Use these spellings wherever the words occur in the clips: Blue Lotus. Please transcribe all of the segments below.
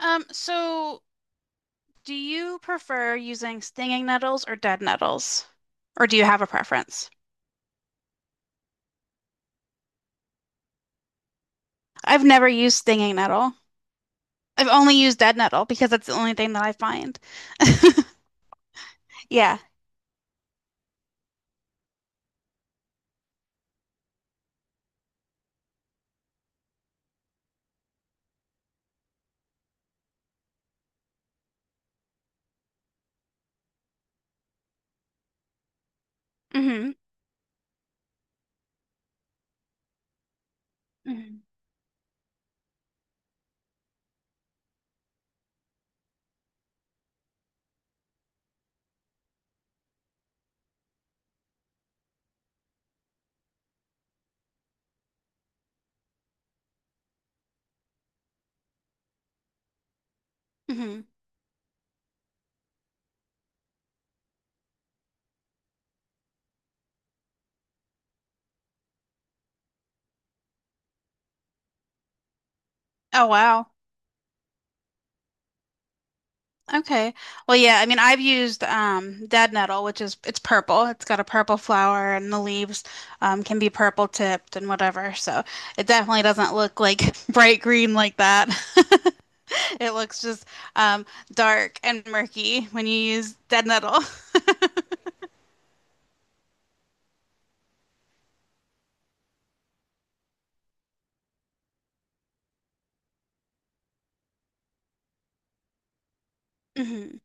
So do you prefer using stinging nettles or dead nettles? Or do you have a preference? I've never used stinging nettle. I've only used dead nettle because that's the only thing that I find. Yeah. hmm hmm hmm Oh, wow. Okay. Well, yeah, I mean, I've used dead nettle, which is it's purple. It's got a purple flower, and the leaves can be purple tipped and whatever. So it definitely doesn't look like bright green like that. It looks just um, dark and murky when you use dead nettle. Mhm.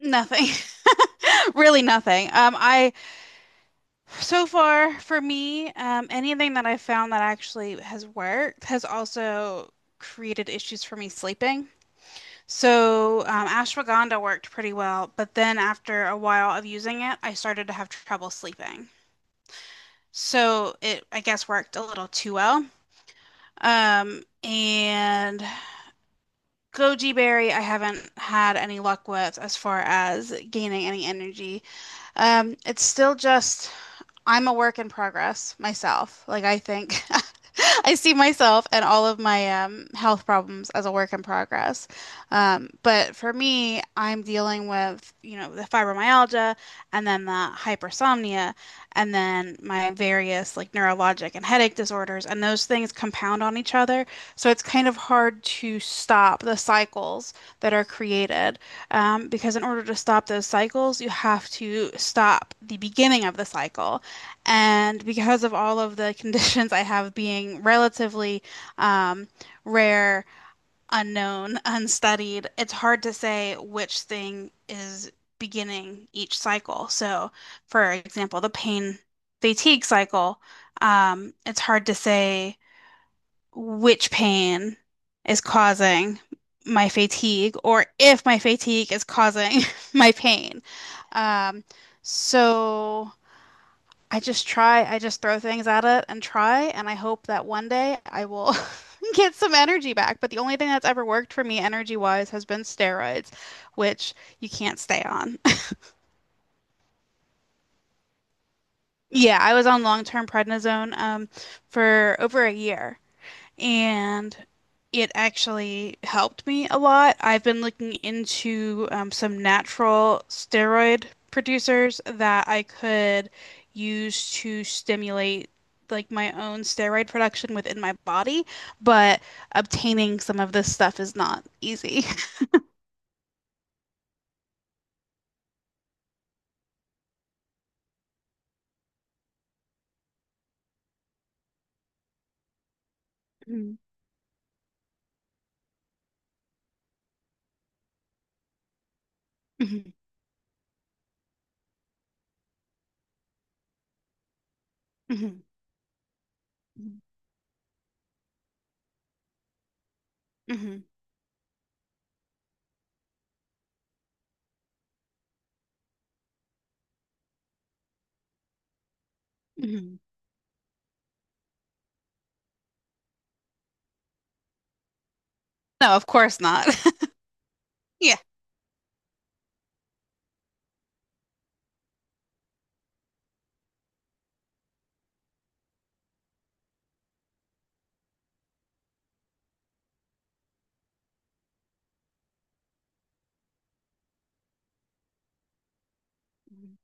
Nothing, really nothing. I so far for me, anything that I found that actually has worked has also created issues for me sleeping. So, ashwagandha worked pretty well, but then after a while of using it, I started to have trouble sleeping. So it, I guess, worked a little too well. And goji berry, I haven't had any luck with as far as gaining any energy. It's still just I'm a work in progress myself. Like I think I see myself and all of my health problems as a work in progress. But for me, I'm dealing with, you know, the fibromyalgia and then the hypersomnia and then my various like neurologic and headache disorders. And those things compound on each other. So it's kind of hard to stop the cycles that are created. Because in order to stop those cycles, you have to stop the beginning of the cycle. And because of all of the conditions I have being relatively um, rare, unknown, unstudied, it's hard to say which thing is beginning each cycle. So, for example, the pain fatigue cycle, it's hard to say which pain is causing my fatigue or if my fatigue is causing my pain. Um, so. I just throw things at it and try, and I hope that one day I will get some energy back. But the only thing that's ever worked for me energy-wise has been steroids, which you can't stay on. Yeah, I was on long-term prednisone for over a year. And it actually helped me a lot. I've been looking into some natural steroid producers that I could use to stimulate like my own steroid production within my body, but obtaining some of this stuff is not easy. Mhm, mhm, mhm, mhm, mhm, mhm. No, of course not. Yeah. Mhm,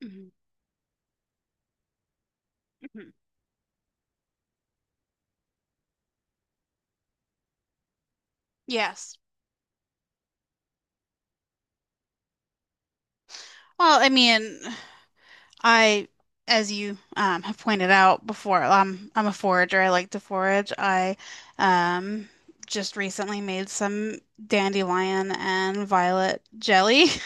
mhm, mhm. Yes. Well, I mean. I, as you have pointed out before, I'm a forager. I like to forage. I um, just recently made some dandelion and violet jelly.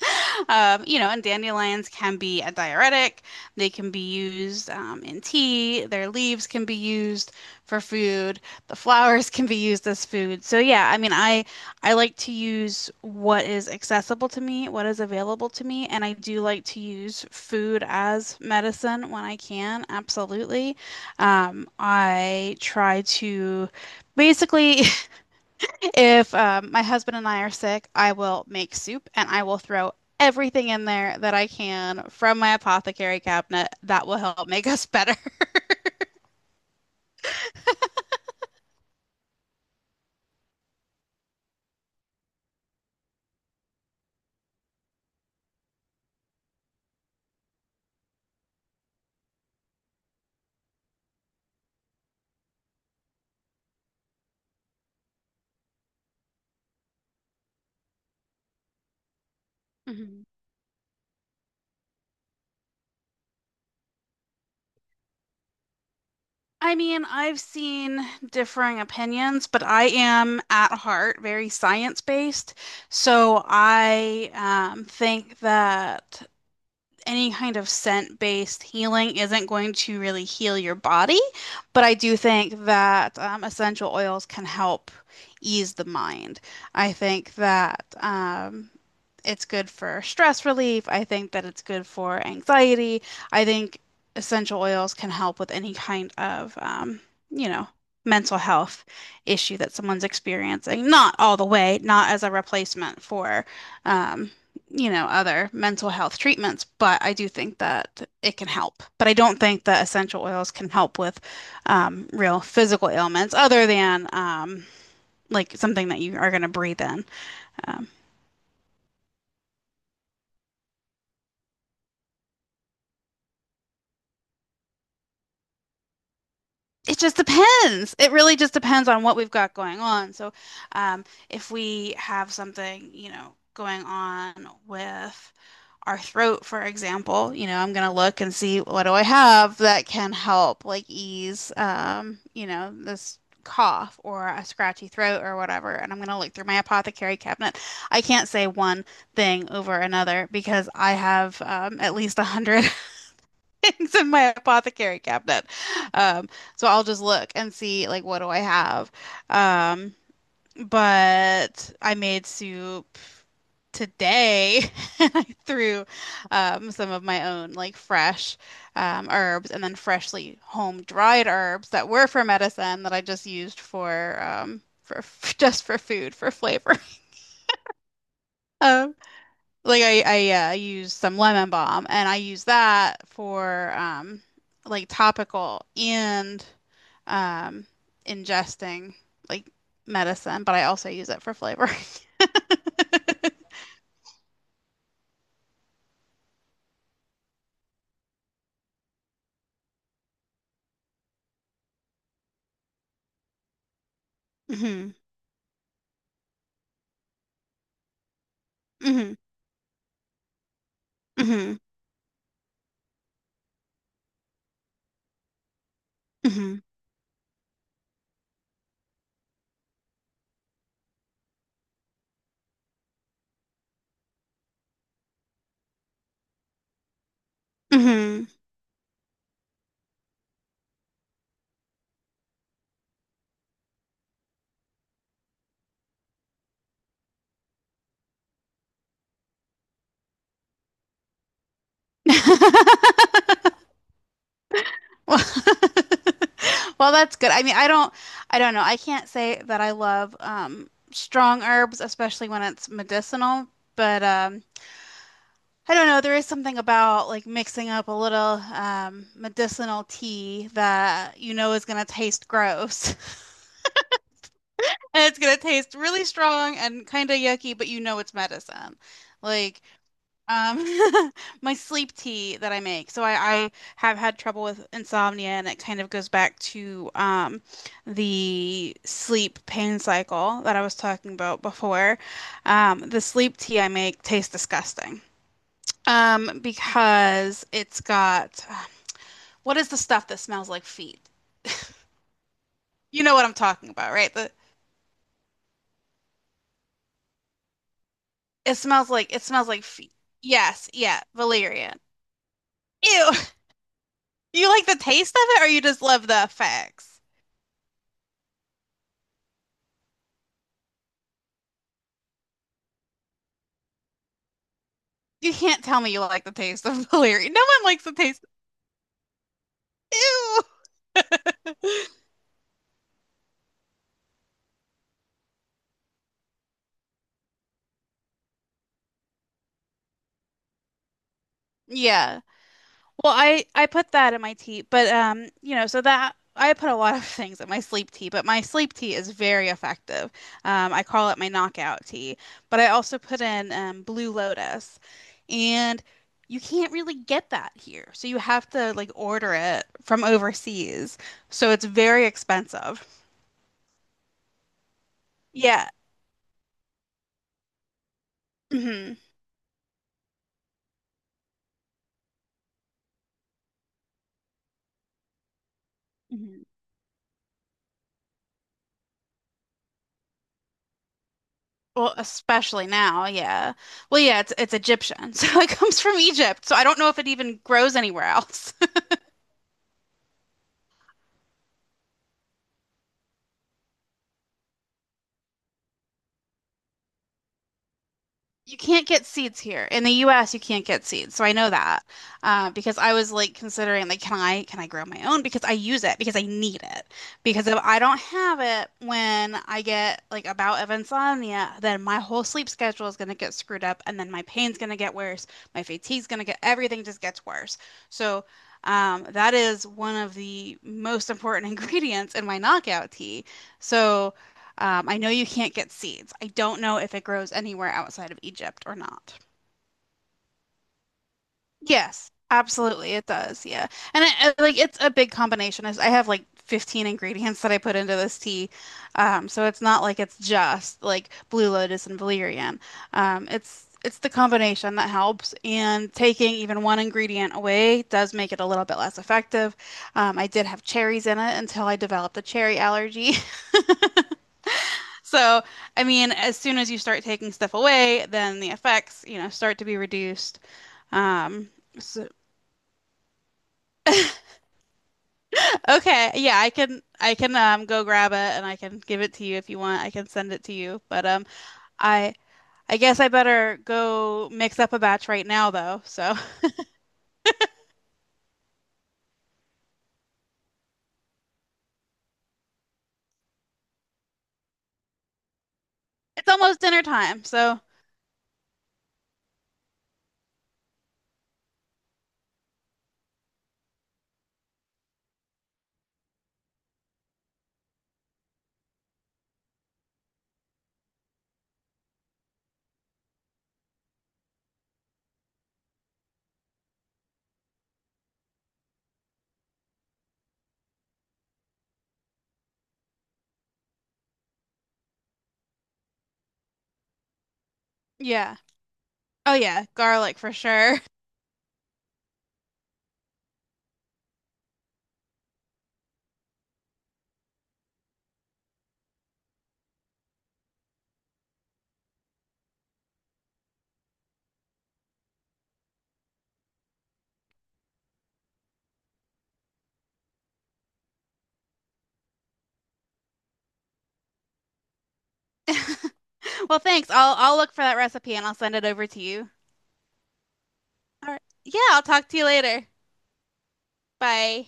You know, and dandelions can be a diuretic. They can be used in tea. Their leaves can be used for food. The flowers can be used as food. So yeah, I mean, I like to use what is accessible to me, what is available to me, and I do like to use food as medicine when I can, absolutely. I try to basically if my husband and I are sick, I will make soup and I will throw everything in there that I can from my apothecary cabinet. That will help make us better. Mhm. I mean, I've seen differing opinions, but I am at heart very science-based. So I think that any kind of scent-based healing isn't going to really heal your body, but I do think that essential oils can help ease the mind. I think that it's good for stress relief. I think that it's good for anxiety. I think essential oils can help with any kind of, you know, mental health issue that someone's experiencing. Not all the way, not as a replacement for um, you know, other mental health treatments, but I do think that it can help. But I don't think that essential oils can help with real physical ailments other than like something that you are going to breathe in. Um, It just depends. It really just depends on what we've got going on. So, if we have something, you know, going on with our throat, for example, you know, I'm gonna look and see what do I have that can help, like ease, you know, this cough or a scratchy throat or whatever. And I'm gonna look through my apothecary cabinet. I can't say one thing over another because I have at least a hundred things in my apothecary cabinet. Um, so I'll just look and see like what do I have. Um, but I made soup today and I threw some of my own like fresh herbs and then freshly home dried herbs that were for medicine that I just used for for just for food for flavor. Um, Like I use some lemon balm and I use that for like topical and um ingesting like medicine, but I also use it for flavor. hmm hmm hmm hmm hmm Well, well, that's good. I mean, I don't know. I can't say that I love strong herbs, especially when it's medicinal, but I don't know. There is something about like mixing up a little medicinal tea that you know is going to taste gross. And it's going to taste really strong and kind of yucky, but you know it's medicine. Like um, my sleep tea that I make. So I have had trouble with insomnia, and it kind of goes back to the sleep pain cycle that I was talking about before. The sleep tea I make tastes disgusting. Because it's got what is the stuff that smells like feet? You know what I'm talking about, right? The it smells like feet. Yes, yeah, valerian. Ew. You like the taste of it or you just love the effects? You can't tell me you like the taste of valerian. No one likes the taste. Ew. Yeah. Well, I put that in my tea, but you know, so that I put a lot of things in my sleep tea, but my sleep tea is very effective. I call it my knockout tea, but I also put in Blue Lotus, and you can't really get that here, so you have to like order it from overseas, so it's very expensive. Yeah. hmm hmm Well, especially now, yeah. Well, yeah, it's Egyptian, so it comes from Egypt, so I don't know if it even grows anywhere else. You can't get seeds here. In the US, you can't get seeds. So I know that. Because I was like considering like can I grow my own because I use it because I need it. Because if I don't have it when I get like a bout of insomnia, then my whole sleep schedule is going to get screwed up and then my pain's going to get worse, my fatigue's going to get everything just gets worse. So that is one of the most important ingredients in my knockout tea. So I know you can't get seeds. I don't know if it grows anywhere outside of Egypt or not. Yes, absolutely, it does. Yeah, and like it's a big combination. Is I have like 15 ingredients that I put into this tea, so it's not like it's just like blue lotus and valerian. It's the combination that helps, and taking even one ingredient away does make it a little bit less effective. I did have cherries in it until I developed a cherry allergy. So, I mean, as soon as you start taking stuff away, then the effects, you know, start to be reduced. Um, so, okay, yeah, I can go grab it and I can give it to you if you want. I can send it to you. But I I guess I better go mix up a batch right now though. So, it's almost dinner time. So, yeah. Oh yeah, garlic for sure. Well, thanks. I'll look for that recipe and I'll send it over to you. All right. Yeah, I'll talk to you later. Bye.